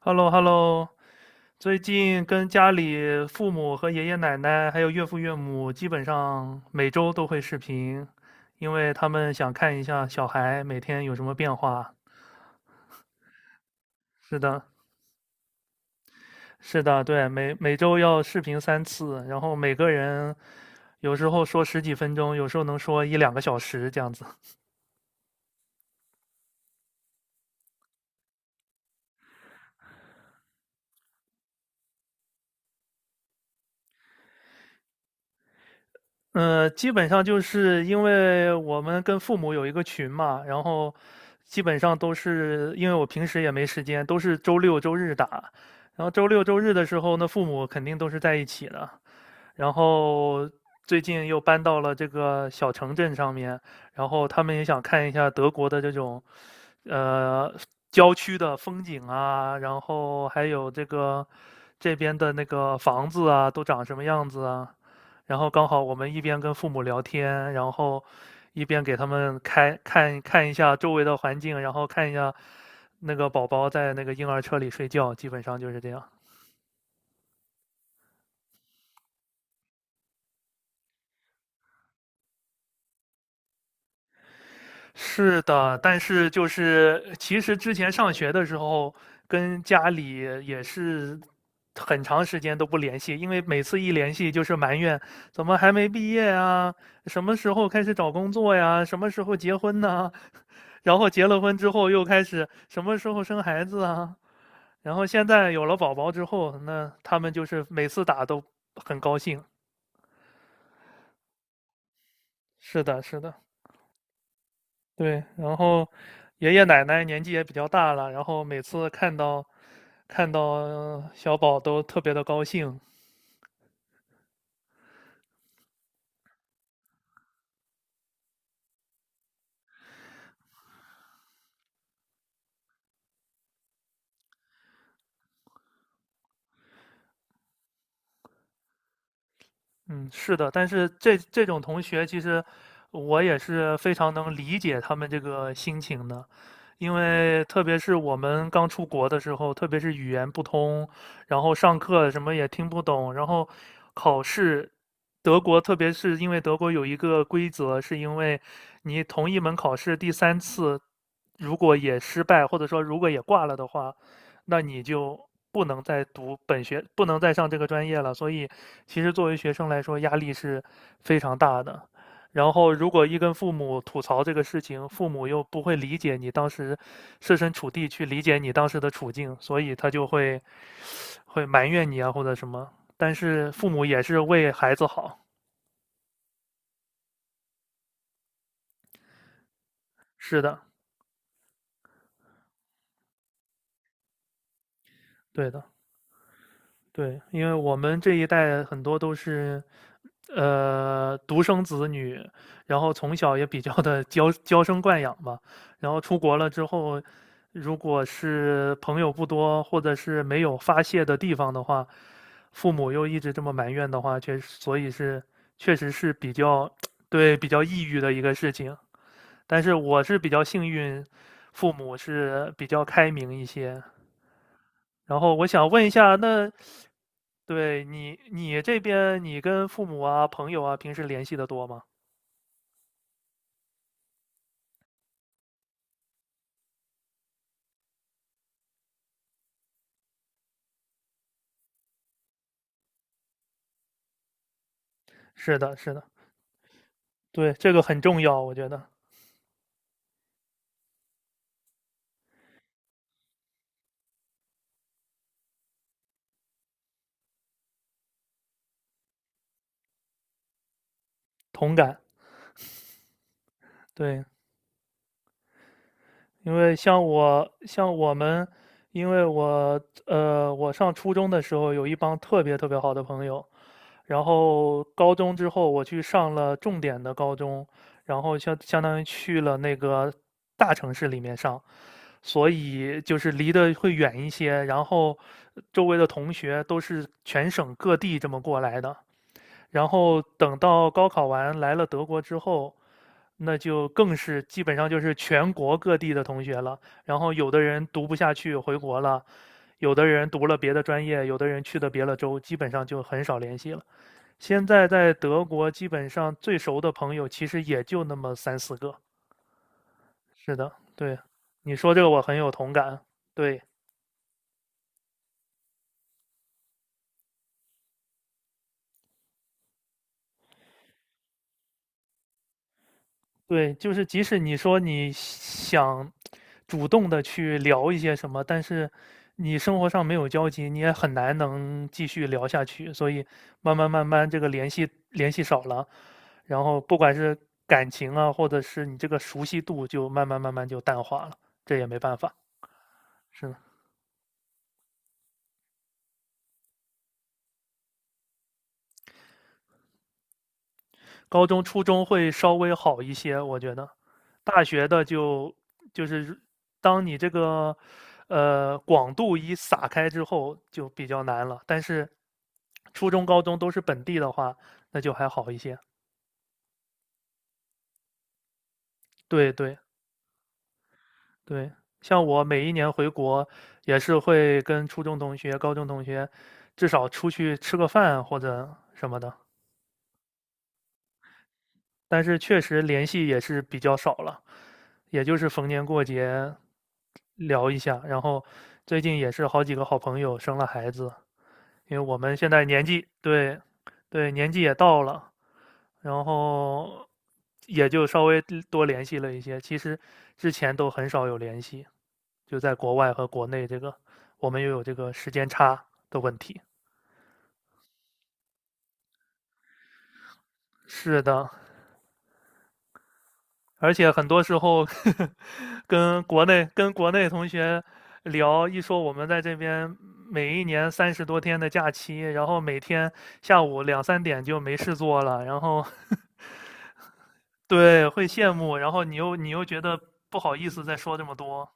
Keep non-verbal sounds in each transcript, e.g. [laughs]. hello hello 最近跟家里父母和爷爷奶奶还有岳父岳母，基本上每周都会视频，因为他们想看一下小孩每天有什么变化。是的，是的，对，每周要视频三次，然后每个人有时候说十几分钟，有时候能说一两个小时这样子。嗯，基本上就是因为我们跟父母有一个群嘛，然后基本上都是因为我平时也没时间，都是周六周日打。然后周六周日的时候那父母肯定都是在一起的。然后最近又搬到了这个小城镇上面，然后他们也想看一下德国的这种，呃，郊区的风景啊，然后还有这个这边的那个房子啊，都长什么样子啊。然后刚好我们一边跟父母聊天，然后一边给他们开看看一下周围的环境，然后看一下那个宝宝在那个婴儿车里睡觉，基本上就是这样。是的，但是就是其实之前上学的时候，跟家里也是很长时间都不联系，因为每次一联系就是埋怨怎么还没毕业啊，什么时候开始找工作呀，什么时候结婚呢？[laughs] 然后结了婚之后又开始什么时候生孩子啊，然后现在有了宝宝之后，那他们就是每次打都很高兴。是的，是的。对，然后爷爷奶奶年纪也比较大了，然后每次看到小宝都特别的高兴，嗯，是的，但是这种同学，其实我也是非常能理解他们这个心情的，因为特别是我们刚出国的时候，特别是语言不通，然后上课什么也听不懂，然后考试，德国特别是因为德国有一个规则，是因为你同一门考试第三次如果也失败，或者说如果也挂了的话，那你就不能再读本学，不能再上这个专业了。所以，其实作为学生来说，压力是非常大的。然后，如果一跟父母吐槽这个事情，父母又不会理解你当时设身处地去理解你当时的处境，所以他就会埋怨你啊或者什么。但是父母也是为孩子好，是的，对的。对，因为我们这一代很多都是，独生子女，然后从小也比较的娇生惯养吧，然后出国了之后，如果是朋友不多，或者是没有发泄的地方的话，父母又一直这么埋怨的话，确实，所以是确实是比较 [tsk]，对，比较抑郁的一个事情。但是我是比较幸运，父母是比较开明一些。然后我想问一下，那对，你这边你跟父母啊、朋友啊，平时联系的多吗？是的，是的，对，这个很重要，我觉得同感，对。因为像我像我们，因为我上初中的时候有一帮特别特别好的朋友，然后高中之后我去上了重点的高中，然后相当于去了那个大城市里面上，所以就是离得会远一些，然后周围的同学都是全省各地这么过来的，然后等到高考完来了德国之后，那就更是基本上就是全国各地的同学了。然后有的人读不下去回国了，有的人读了别的专业，有的人去的别的州，基本上就很少联系了。现在在德国，基本上最熟的朋友其实也就那么三四个。是的，对，你说这个我很有同感。对。对，就是即使你说你想主动的去聊一些什么，但是你生活上没有交集，你也很难能继续聊下去。所以慢慢慢慢，这个联系少了，然后不管是感情啊，或者是你这个熟悉度，就慢慢慢慢就淡化了。这也没办法，是的。高中、初中会稍微好一些，我觉得。大学的就就是当你这个广度一撒开之后，就比较难了。但是初中、高中都是本地的话，那就还好一些。对对对，像我每一年回国，也是会跟初中同学、高中同学，至少出去吃个饭或者什么的。但是确实联系也是比较少了，也就是逢年过节聊一下。然后最近也是好几个好朋友生了孩子，因为我们现在年纪，对对，年纪也到了，然后也就稍微多联系了一些。其实之前都很少有联系，就在国外和国内这个我们又有这个时间差的问题。是的，而且很多时候 [laughs] 跟国内同学聊，一说我们在这边每一年30多天的假期，然后每天下午两三点就没事做了，然后对，会羡慕，然后你又觉得不好意思再说这么多。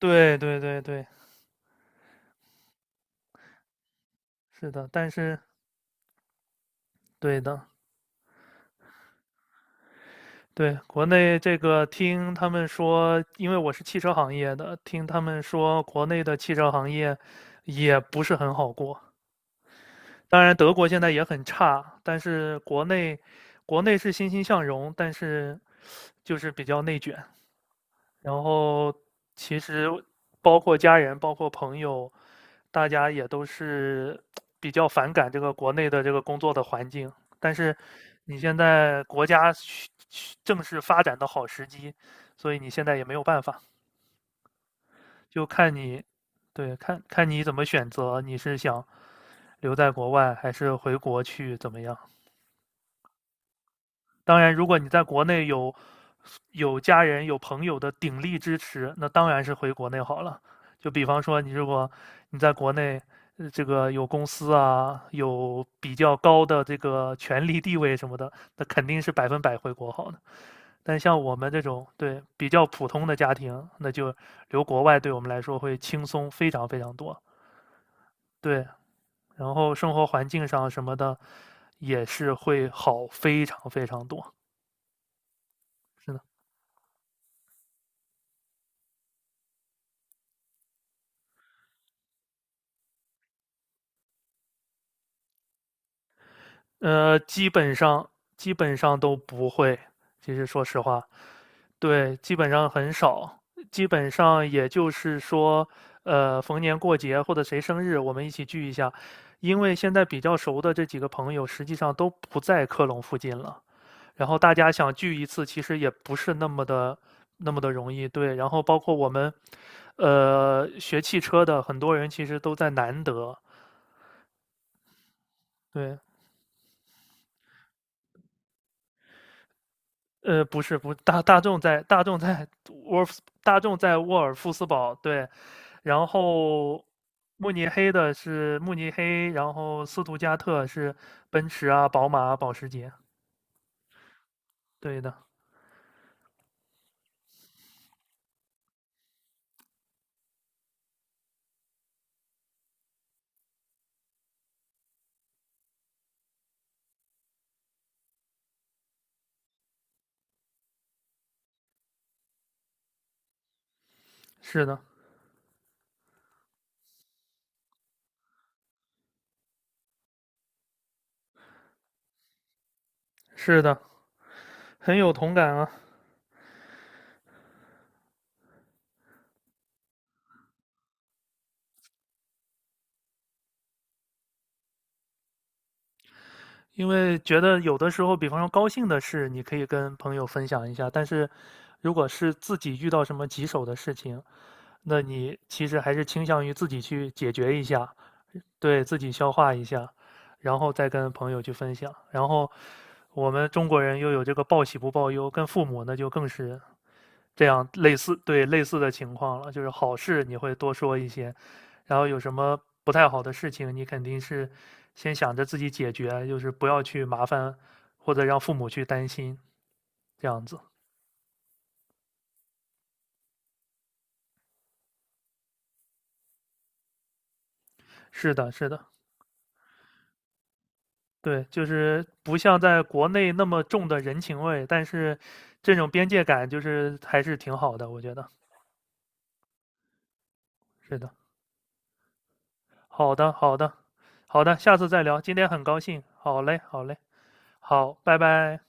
对对对对，是的，但是对的，对，国内这个听他们说，因为我是汽车行业的，听他们说国内的汽车行业也不是很好过。当然，德国现在也很差，但是国内是欣欣向荣，但是就是比较内卷。然后其实包括家人，包括朋友，大家也都是比较反感这个国内的这个工作的环境。但是你现在国家正是发展的好时机，所以你现在也没有办法，就看你，对，看看你怎么选择，你是想留在国外还是回国去怎么样？当然，如果你在国内有家人、有朋友的鼎力支持，那当然是回国内好了。就比方说，你如果你在国内，这个有公司啊，有比较高的这个权力地位什么的，那肯定是百分百回国好的。但像我们这种对比较普通的家庭，那就留国外对我们来说会轻松非常非常多。对，然后生活环境上什么的，也是会好非常非常多，真呃，基本上基本上都不会。其实说实话，对，基本上很少，基本上也就是说，逢年过节或者谁生日，我们一起聚一下。因为现在比较熟的这几个朋友，实际上都不在科隆附近了。然后大家想聚一次，其实也不是那么的容易。对，然后包括我们，学汽车的很多人其实都在南德。对，不是，不，沃尔夫大众在沃尔夫斯堡，对，然后慕尼黑的是慕尼黑，然后斯图加特是奔驰啊、宝马啊保时捷，对的，是的，是的，很有同感啊，因为觉得有的时候，比方说高兴的事，你可以跟朋友分享一下，但是如果是自己遇到什么棘手的事情，那你其实还是倾向于自己去解决一下，对，自己消化一下，然后再跟朋友去分享。然后我们中国人又有这个报喜不报忧，跟父母那就更是这样类似，对，类似的情况了。就是好事你会多说一些，然后有什么不太好的事情，你肯定是先想着自己解决，就是不要去麻烦或者让父母去担心，这样子。是的，是的。对，就是不像在国内那么重的人情味，但是这种边界感就是还是挺好的，我觉得是的。好的，好的，好的，下次再聊。今天很高兴，好嘞，好嘞，好，拜拜。